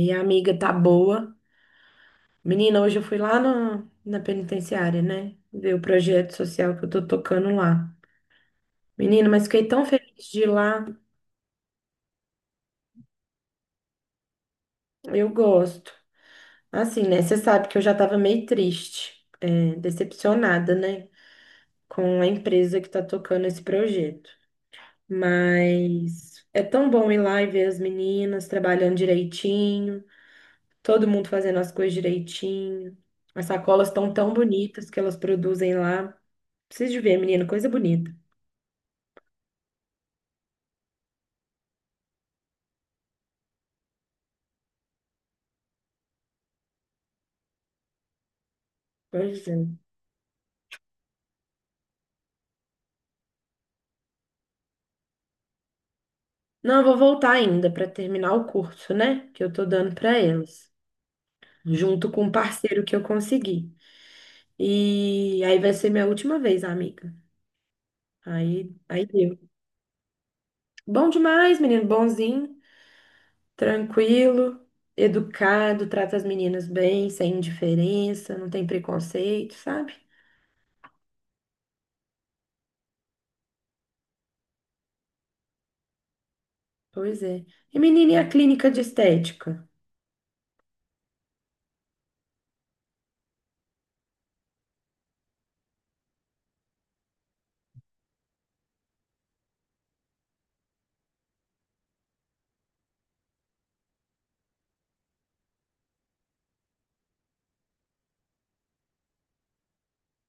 E a amiga tá boa. Menina, hoje eu fui lá na, na penitenciária, né? Ver o projeto social que eu tô tocando lá. Menina, mas fiquei tão feliz de ir lá. Eu gosto. Assim, né? Você sabe que eu já tava meio triste, decepcionada, né? Com a empresa que tá tocando esse projeto. Mas é tão bom ir lá e ver as meninas trabalhando direitinho. Todo mundo fazendo as coisas direitinho. As sacolas estão tão bonitas que elas produzem lá. Preciso de ver, menino, coisa bonita. Pois é. Não, eu vou voltar ainda para terminar o curso, né? Que eu tô dando para elas, junto com o parceiro que eu consegui. E aí vai ser minha última vez, amiga. Aí, aí deu. Bom demais, menino, bonzinho, tranquilo, educado, trata as meninas bem, sem indiferença, não tem preconceito, sabe? Pois é. E menina, e a clínica de estética?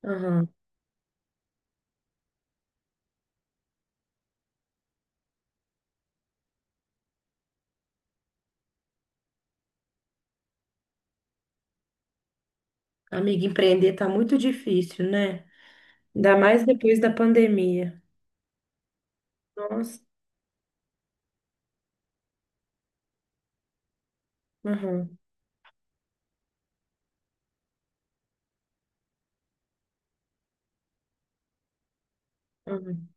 Aham. Amiga, empreender tá muito difícil, né? Ainda mais depois da pandemia. Nossa. Aham, aham.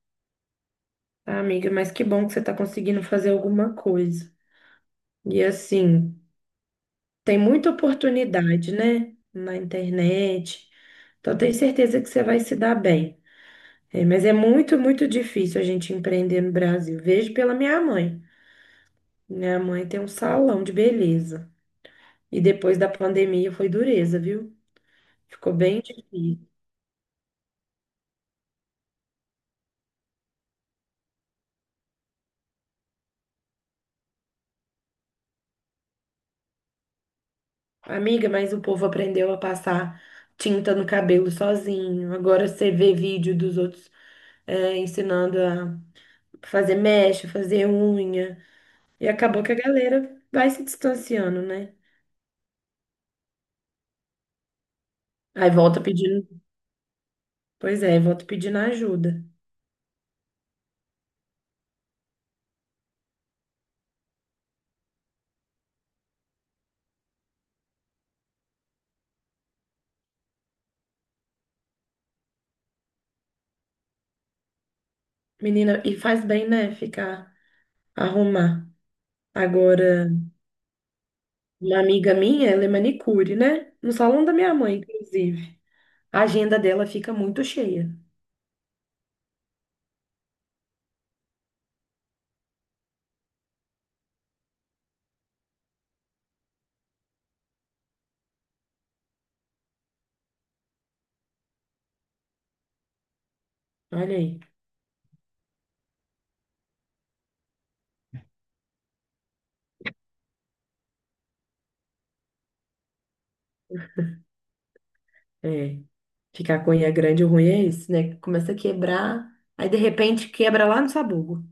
Ah, amiga, mas que bom que você tá conseguindo fazer alguma coisa. E assim, tem muita oportunidade, né? Na internet. Então, tenho certeza que você vai se dar bem. É, mas é muito, muito difícil a gente empreender no Brasil. Vejo pela minha mãe. Minha mãe tem um salão de beleza. E depois da pandemia foi dureza, viu? Ficou bem difícil. Amiga, mas o povo aprendeu a passar tinta no cabelo sozinho. Agora você vê vídeo dos outros ensinando a fazer mecha, fazer unha. E acabou que a galera vai se distanciando, né? Aí volta pedindo. Pois é, volta pedindo ajuda. Menina, e faz bem, né? Ficar, arrumar. Agora, uma amiga minha, ela é manicure, né? No salão da minha mãe, inclusive. A agenda dela fica muito cheia. Olha aí. É. Ficar com unha grande, o ruim é isso, né? Começa a quebrar, aí de repente quebra lá no sabugo.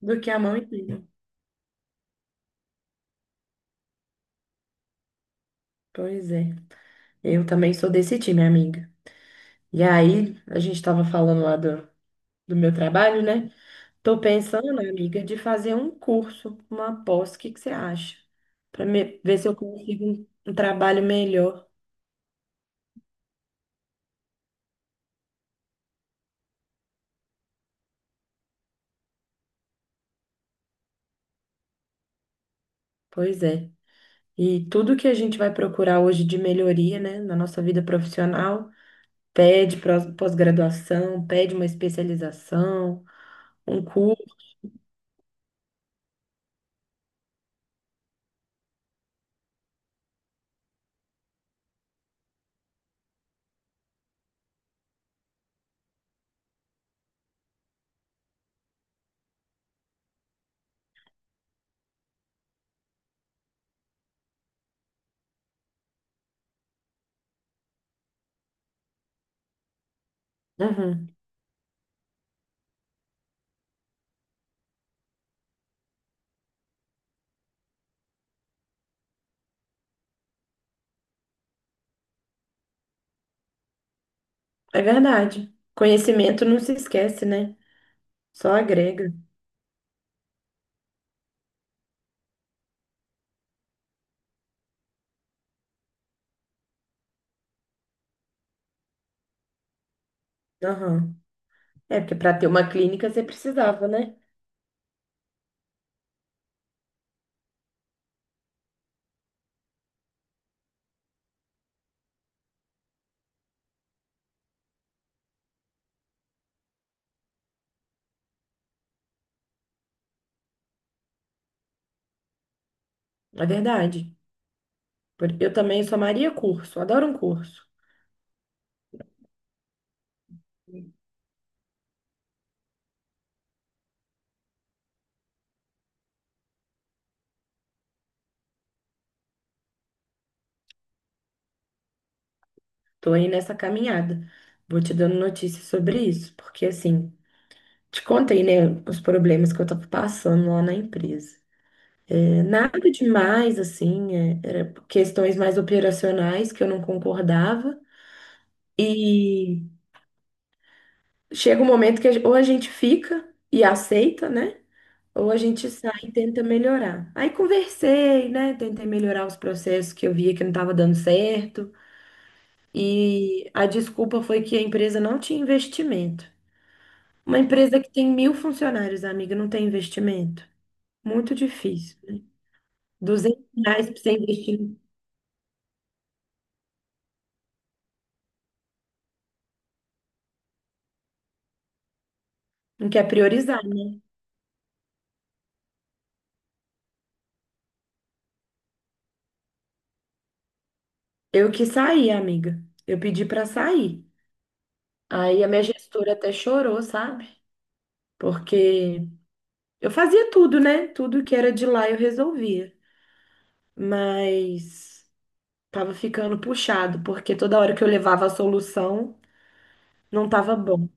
Do que a mão inteira. Pois é. Eu também sou desse time, amiga. E aí, a gente estava falando lá do meu trabalho, né? Tô pensando, né, amiga, de fazer um curso, uma pós, o que que você acha? Para ver se eu consigo um trabalho melhor. Pois é. E tudo que a gente vai procurar hoje de melhoria, né, na nossa vida profissional. Pede pós-graduação, pede uma especialização, um curso. Uhum. É verdade. Conhecimento não se esquece, né? Só agrega. Aham. É, porque para ter uma clínica você precisava, né? É verdade. Eu também sou Maria curso, adoro um curso. Tô aí nessa caminhada. Vou te dando notícias sobre isso, porque assim, te contei, né, os problemas que eu tava passando lá na empresa. É, nada demais, assim, era questões mais operacionais que eu não concordava. E chega um momento que ou a gente fica e aceita, né? Ou a gente sai e tenta melhorar. Aí conversei, né? Tentei melhorar os processos que eu via que não estava dando certo. E a desculpa foi que a empresa não tinha investimento. Uma empresa que tem 1.000 funcionários, amiga, não tem investimento. Muito difícil, né? R$ 200 para você investir, não quer priorizar, né? Eu que saí, amiga. Eu pedi para sair. Aí a minha gestora até chorou, sabe? Porque eu fazia tudo, né? Tudo que era de lá eu resolvia. Mas tava ficando puxado, porque toda hora que eu levava a solução, não tava bom.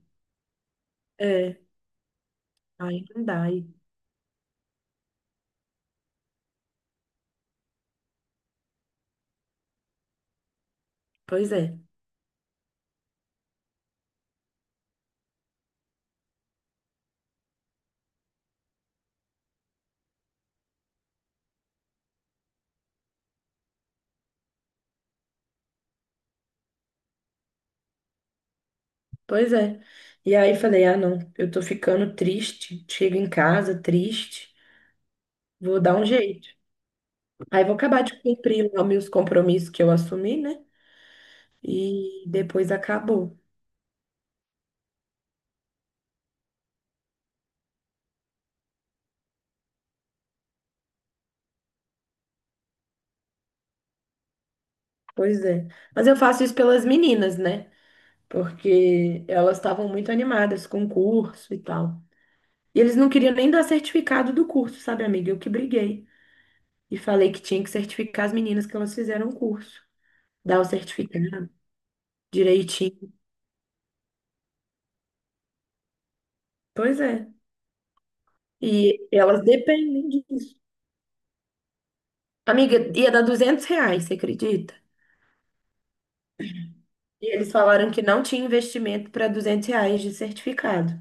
É, aí não dá. Aí, pois é, pois é. E aí falei, ah, não, eu tô ficando triste. Chego em casa triste, vou dar um jeito. Aí vou acabar de cumprir lá meus compromissos que eu assumi, né? E depois acabou. Pois é. Mas eu faço isso pelas meninas, né? Porque elas estavam muito animadas com o curso e tal. E eles não queriam nem dar certificado do curso, sabe, amiga? Eu que briguei e falei que tinha que certificar as meninas que elas fizeram o curso, dar o certificado direitinho. Pois é. E elas dependem disso. Amiga, ia dar R$ 200, você acredita? E eles falaram que não tinha investimento para R$ 200 de certificado.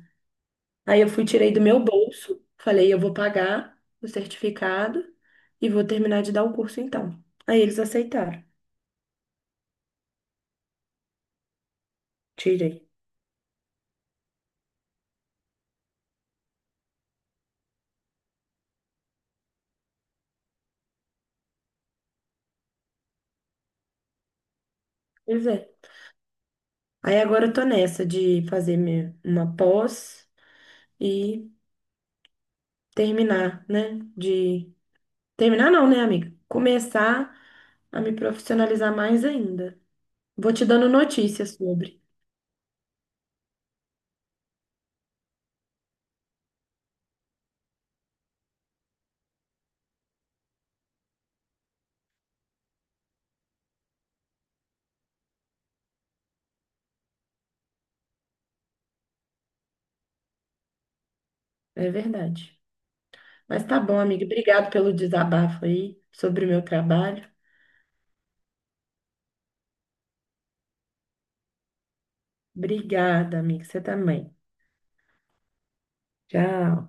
Aí eu fui, tirei do meu bolso, falei, eu vou pagar o certificado e vou terminar de dar o curso então. Aí eles aceitaram, tirei. Pois é. Aí agora eu tô nessa de fazer uma pós e terminar, né? De terminar não, né, amiga? Começar a me profissionalizar mais ainda. Vou te dando notícias sobre. É verdade. Mas tá bom, amiga. Obrigado pelo desabafo aí sobre o meu trabalho. Obrigada, amiga. Você também. Tchau.